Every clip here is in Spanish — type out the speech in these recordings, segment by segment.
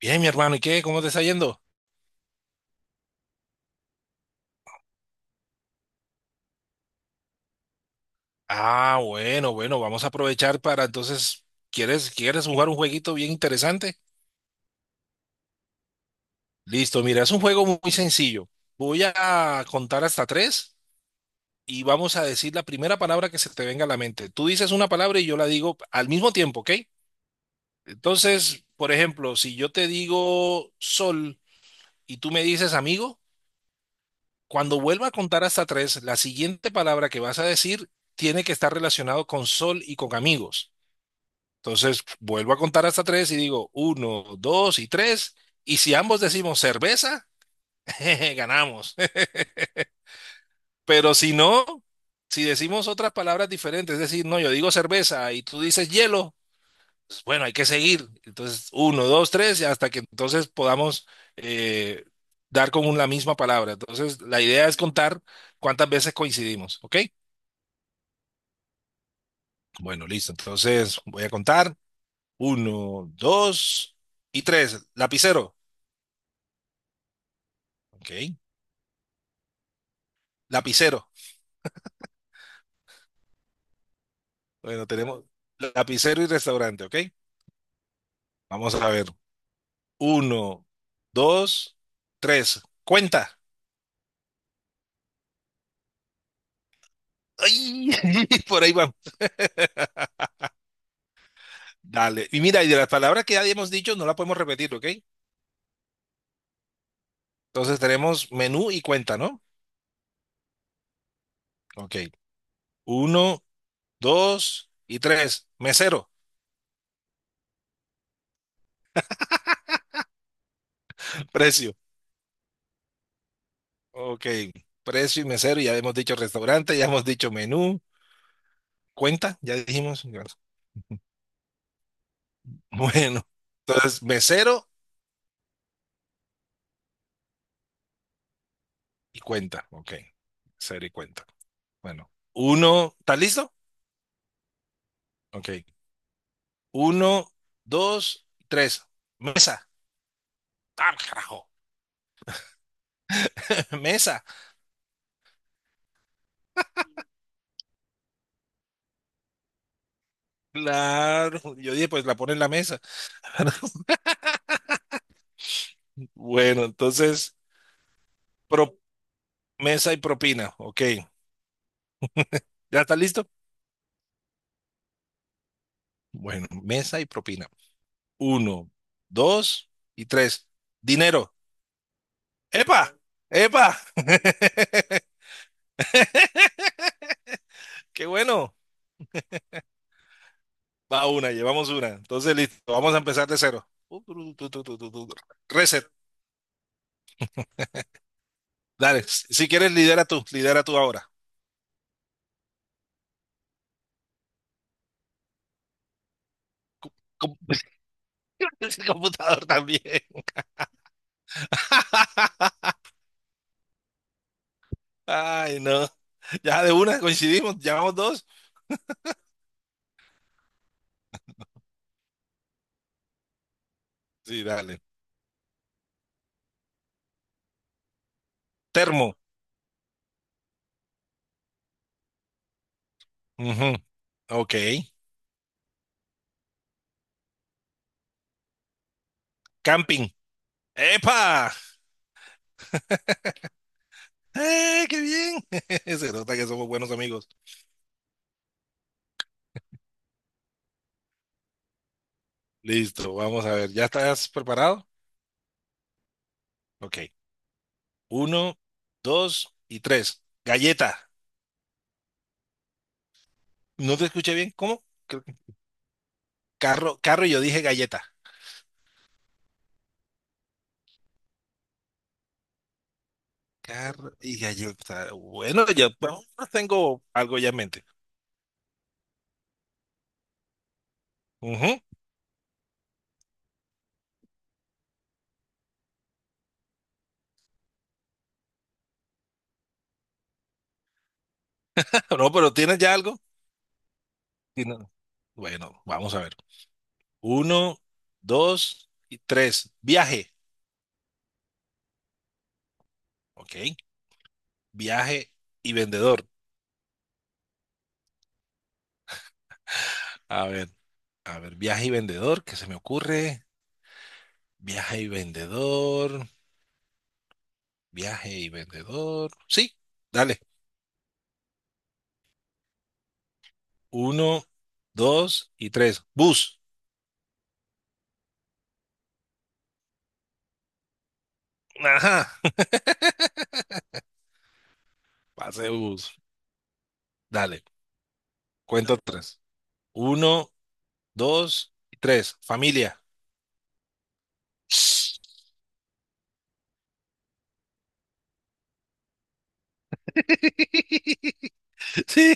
Bien, mi hermano, ¿y qué? ¿Cómo te está yendo? Ah, bueno, bueno, vamos a aprovechar para entonces, ¿quieres jugar un jueguito bien interesante? Listo, mira, es un juego muy sencillo. Voy a contar hasta tres y vamos a decir la primera palabra que se te venga a la mente. Tú dices una palabra y yo la digo al mismo tiempo, ¿ok? Entonces, por ejemplo, si yo te digo sol y tú me dices amigo, cuando vuelva a contar hasta tres, la siguiente palabra que vas a decir tiene que estar relacionado con sol y con amigos. Entonces vuelvo a contar hasta tres y digo uno, dos y tres. Y si ambos decimos cerveza, jeje, ganamos. Pero si no, si decimos otras palabras diferentes, es decir, no, yo digo cerveza y tú dices hielo, pues, bueno, hay que seguir. Entonces uno, dos, tres, y hasta que entonces podamos eh, dar con la misma palabra. Entonces la idea es contar cuántas veces coincidimos, ¿ok? Bueno, listo. Entonces voy a contar uno, dos y tres. Lapicero. Ok. Lapicero. Bueno, tenemos lapicero y restaurante, ¿ok? Vamos a ver. Uno, dos, tres. Cuenta. ¡Ay! Por ahí vamos. Dale. Y mira, y de las palabras que ya hemos dicho, no la podemos repetir, ¿ok? Entonces tenemos menú y cuenta, ¿no? Ok. Uno, dos y tres. Mesero. Precio. Ok. Precio y mesero. Ya hemos dicho restaurante, ya hemos dicho menú. Cuenta, ya dijimos. Bueno. Entonces, mesero y cuenta, ok. Cero y cuenta. Bueno, uno, ¿estás listo? Ok. Uno, dos, tres. Mesa. Ah, carajo. Mesa. Claro. Yo dije, pues la pone en la mesa. Bueno, entonces, pro- mesa y propina. Ok. ¿Ya está listo? Bueno, mesa y propina. Uno, dos y tres. Dinero. ¡Epa! ¡Epa! ¡Qué bueno! Va una, llevamos una. Entonces, listo, vamos a empezar de cero. Reset, dale. Si quieres, lidera tú ahora. Com- com- El computador también. Ay, no. Ya de una coincidimos, llevamos dos. Sí, dale. Termo. Ujú, Ok. Camping. ¡Epa! ¡Eh, qué bien! Se nota que somos buenos amigos. Listo, vamos a ver. ¿Ya estás preparado? Ok. Uno, dos y tres. Galleta. No te escuché bien. ¿Cómo? Creo que. Carro, carro, y yo dije galleta. Carro y galleta. Bueno, ya pues, tengo algo ya en mente. Ujú. No, pero ¿tienes ya algo? Sí, no. Bueno, vamos a ver. Uno, dos y tres. Viaje. Ok. Viaje y vendedor. A ver, a ver, viaje y vendedor, ¿qué se me ocurre? Viaje y vendedor. Viaje y vendedor. Sí, dale. Uno, dos y tres. Bus. Ajá. Pase de bus. Dale, cuento tres. Uno, dos y tres. Familia. Sí,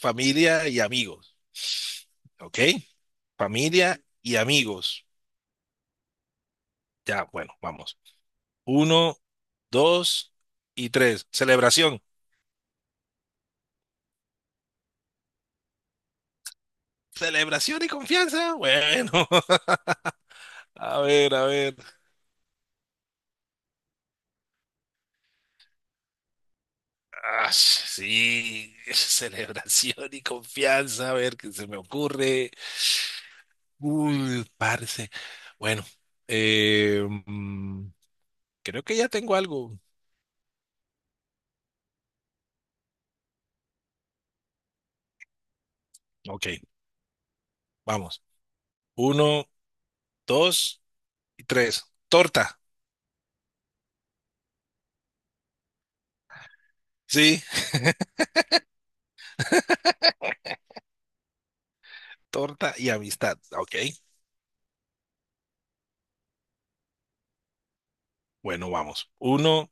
familia y amigos. ¿Ok? Familia y amigos. Ya, bueno, vamos. Uno, dos y tres. Celebración. Celebración y confianza. Bueno, a ver, a ver. Ah, sí, celebración y confianza. A ver qué se me ocurre. Uy, parce. Bueno, eh, mm, creo que ya tengo algo. Ok, vamos. Uno, dos y tres. Torta. Sí, torta y amistad. Ok, bueno, vamos. Uno,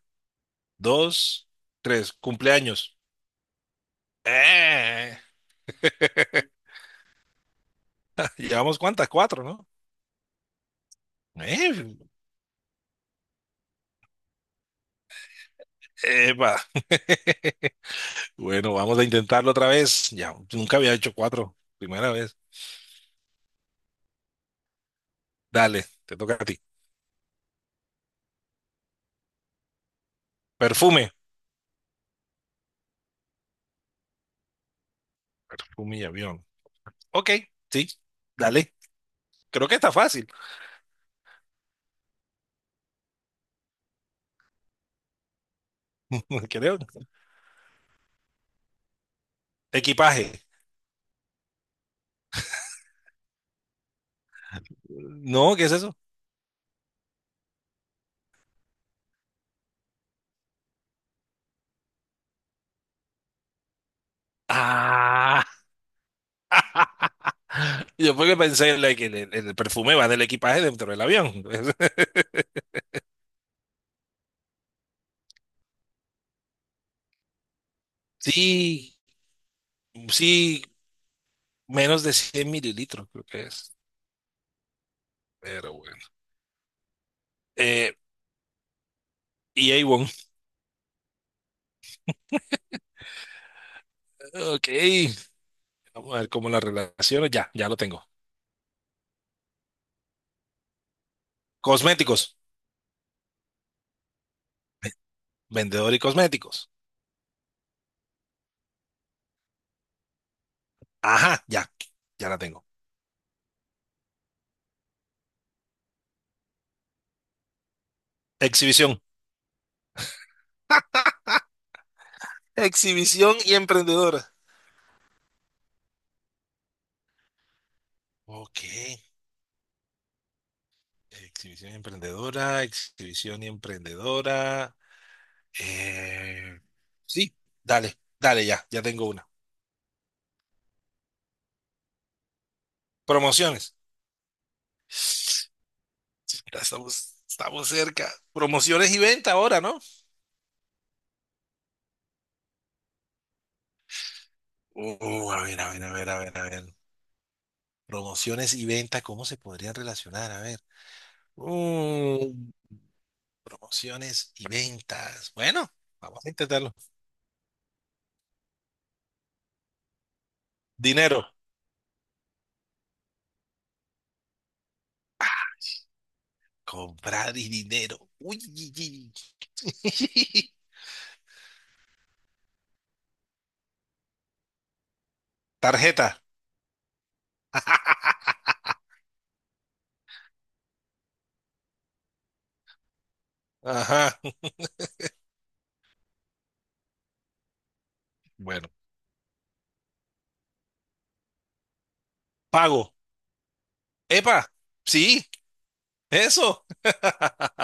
dos, tres. Cumpleaños. Eh. Llevamos cuántas, cuatro, ¿no? Eh, epa. Bueno, vamos a intentarlo otra vez. Ya, nunca había hecho cuatro. Primera vez. Dale, te toca a ti. Perfume. Perfume y avión. Ok, sí, dale. Creo que está fácil, creo. Equipaje. No, ¿qué es eso? Ah, yo porque pensé like, que el perfume va del equipaje dentro del avión. Sí, sí, menos de 100 ml creo que es. Pero bueno. Eh, y Avon. Ok, vamos a ver cómo las relaciones. Ya, ya lo tengo. Cosméticos, vendedor y cosméticos. Ajá, ya, ya la tengo. Exhibición. Exhibición y emprendedora. Ok. Exhibición y emprendedora, exhibición y emprendedora. Eh, sí, dale, dale ya, ya tengo una. Promociones. Ya estamos cerca. Promociones y venta ahora, ¿no? A ver, a ver, a ver, a ver, a ver. Promociones y venta, ¿cómo se podrían relacionar? A ver. Uh, Promociones y ventas. Bueno, vamos a intentarlo. Dinero. Comprar y dinero. Uy, yi, yi. Tarjeta. Ajá. Bueno, pago. ¡Epa! Sí, eso.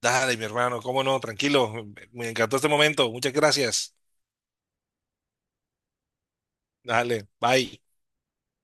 Dale, mi hermano, cómo no, tranquilo. Me encantó este momento. Muchas gracias. Dale, bye.